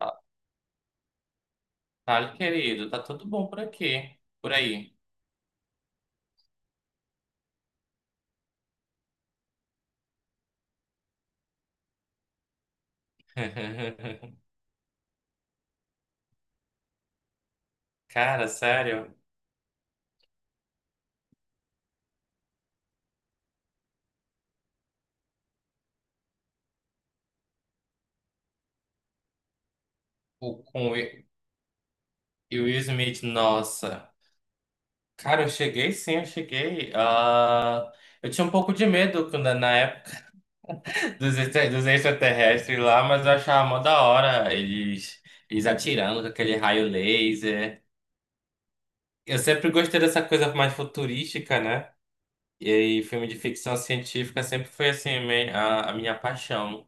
Ah, fale, querido, tá tudo bom por aqui, por aí. Cara, sério, com o Will e o Will Smith, nossa. Cara, eu cheguei sim, eu cheguei. Ah, eu tinha um pouco de medo na época dos extraterrestres lá, mas eu achava mó da hora eles atirando com aquele raio laser. Eu sempre gostei dessa coisa mais futurística, né? E aí, filme de ficção científica sempre foi a minha paixão.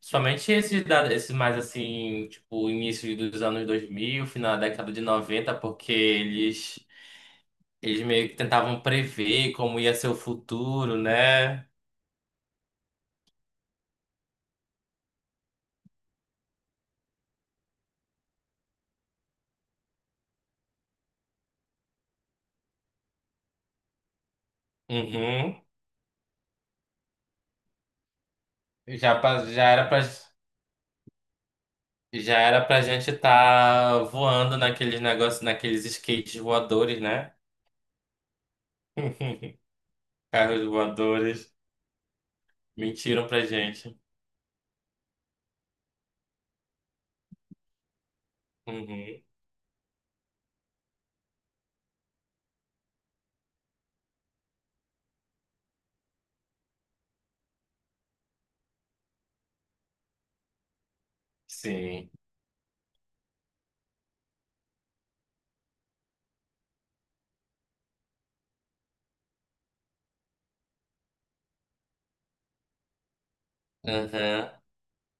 Somente esses mais assim, tipo, início dos anos dois mil, final da década de noventa, porque eles meio que tentavam prever como ia ser o futuro, né? Uhum. Já, já era pra gente estar voando naqueles negócios, naqueles skates voadores, né? Carros voadores. Mentiram pra gente. Uhum. Sim. Aham.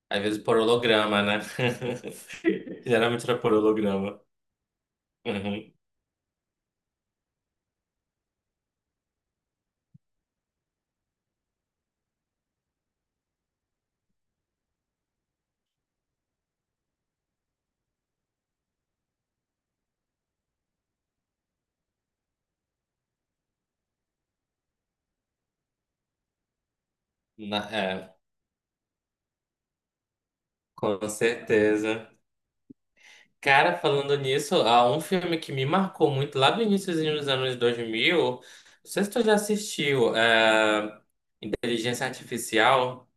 Às vezes por holograma, né? Geralmente era por holograma. Uhum. Na- é, com certeza. Cara, falando nisso, há um filme que me marcou muito lá do iníciozinho dos anos 2000. Não sei se tu já assistiu, é, Inteligência Artificial,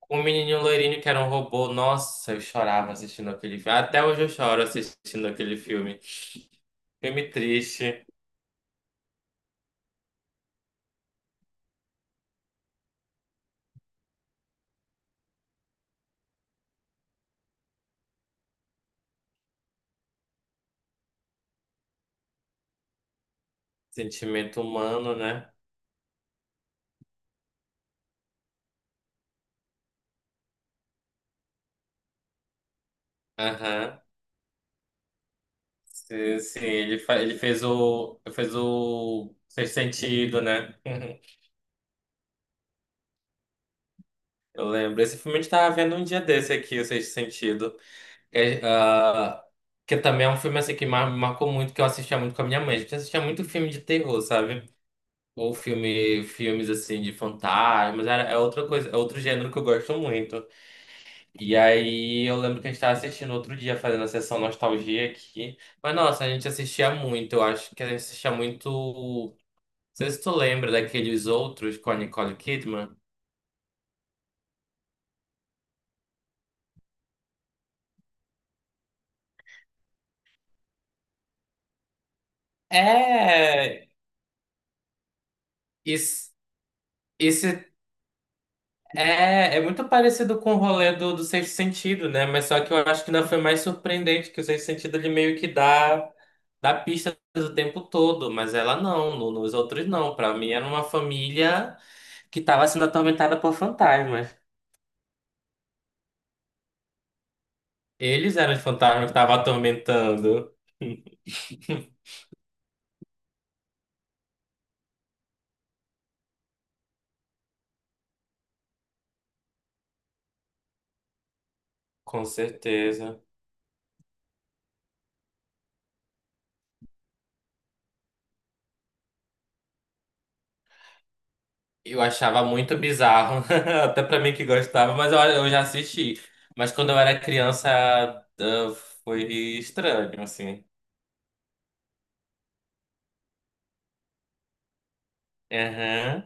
com um menininho loirinho que era um robô. Nossa, eu chorava assistindo aquele filme. Até hoje eu choro assistindo aquele filme. Filme triste, sentimento humano, né? Aham. Sim, sim, ele fez o. Ele fez o Sexto Sentido, né? Eu lembro. Esse filme a gente tava vendo um dia desse aqui, o Sexto Sentido. É, ah, que também é um filme assim que me marcou muito, que eu assistia muito com a minha mãe. A gente assistia muito filme de terror, sabe? Ou filmes assim de fantasmas. Era, é outra coisa, é outro gênero que eu gosto muito. E aí eu lembro que a gente tava assistindo outro dia, fazendo a sessão nostalgia aqui. Mas nossa, a gente assistia muito, eu acho que a gente assistia muito. Não sei se tu lembra daqueles outros com a Nicole Kidman. É. isso esse é, é muito parecido com o rolê do Sexto Sentido, né? Mas só que eu acho que ainda foi mais surpreendente, que o Sexto Sentido ele meio que dá, dá pista o tempo todo, mas ela não, nos outros não. Pra mim era uma família que tava sendo atormentada por fantasmas. Eles eram os fantasmas que estavam atormentando. Com certeza. Eu achava muito bizarro, até pra mim que gostava, mas eu já assisti. Mas quando eu era criança, ah, foi estranho, assim. Aham,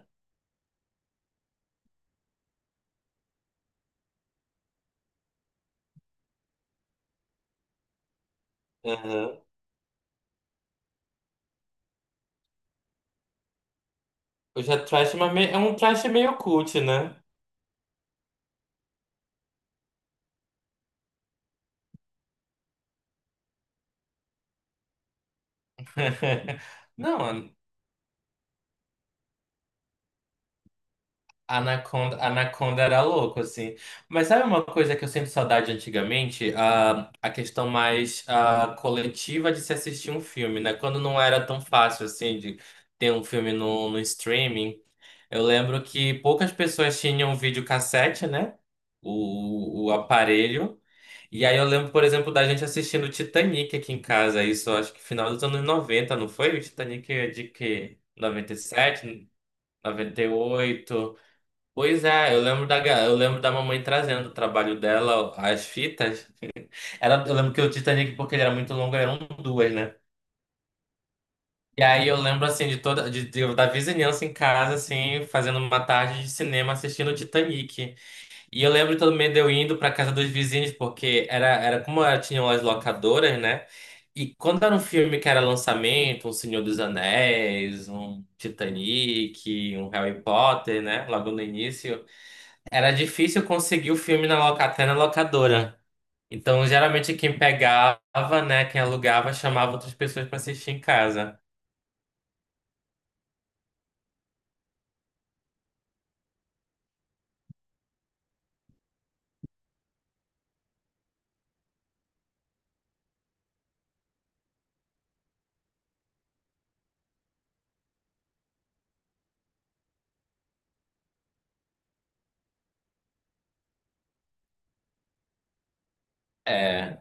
aham. o já trash, mas é um trash meio cult, né? Não, Anaconda, Anaconda era louco, assim. Mas sabe uma coisa que eu sinto saudade antigamente? A questão mais coletiva de se assistir um filme, né? Quando não era tão fácil, assim, de ter um filme no streaming. Eu lembro que poucas pessoas tinham videocassete, né? O aparelho. E aí eu lembro, por exemplo, da gente assistindo Titanic aqui em casa. Isso, acho que final dos anos 90, não foi? O Titanic é de que? Noventa, noventa e sete, noventa e oito. Pois é, eu lembro da, eu lembro da mamãe trazendo o trabalho dela, as fitas. Era, eu lembro que o Titanic, porque ele era muito longo, eram duas, né? E aí eu lembro, assim, de toda, da vizinhança em casa, assim, fazendo uma tarde de cinema assistindo o Titanic. E eu lembro também de eu indo pra casa dos vizinhos, porque era como era, tinham as locadoras, né? E quando era um filme que era lançamento, um Senhor dos Anéis, um Titanic, um Harry Potter, né? Logo no início. Era difícil conseguir o filme na até na locadora. Então, geralmente, quem pegava, né, quem alugava, chamava outras pessoas para assistir em casa. É.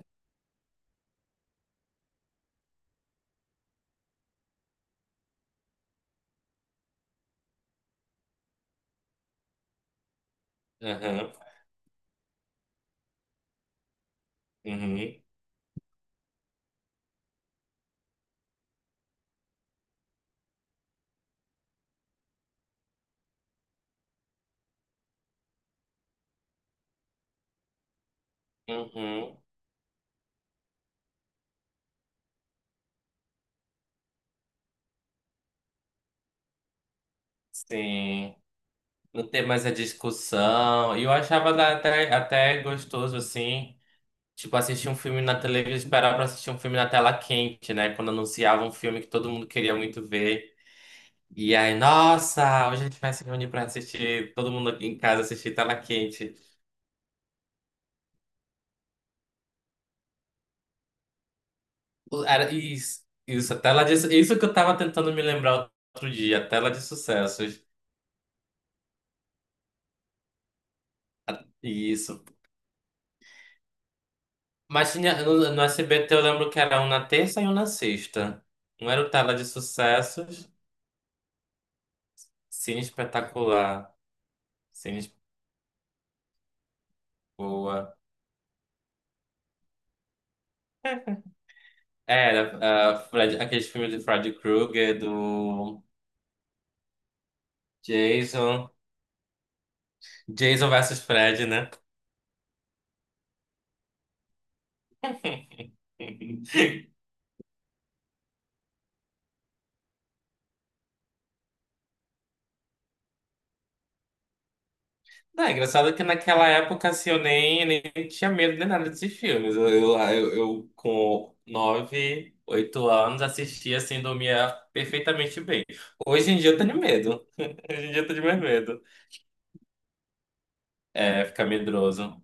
Uhum, uhum, uhum, sim. Não ter mais a discussão. E eu achava até gostoso, assim, tipo, assistir um filme na televisão, esperar para assistir um filme na tela quente, né? Quando anunciava um filme que todo mundo queria muito ver. E aí, nossa, hoje a gente vai se reunir para assistir, todo mundo em casa assistir tela quente. Era isso, isso, isso que eu tava tentando me lembrar outro dia, a tela de sucessos. Isso. Mas tinha, no SBT eu lembro que era um na terça e um na sexta. Um era o tela de sucessos, Cine Espetacular, Cine Esp- Boa. Era Fred, aqueles filmes de Freddy Krueger, do Jason, Jason versus Fred, né? Não, é engraçado que naquela época, assim, eu nem tinha medo de nada desses filmes. Eu, com nove, oito anos, assistia, assim, dormia perfeitamente bem. Hoje em dia eu tenho medo. Hoje em dia eu tenho mais medo. É, fica medroso.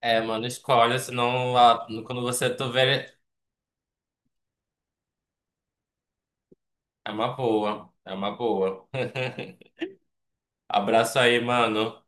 É, mano, escolha, senão lá, quando você tiver... É uma boa, é uma boa. Abraço aí, mano.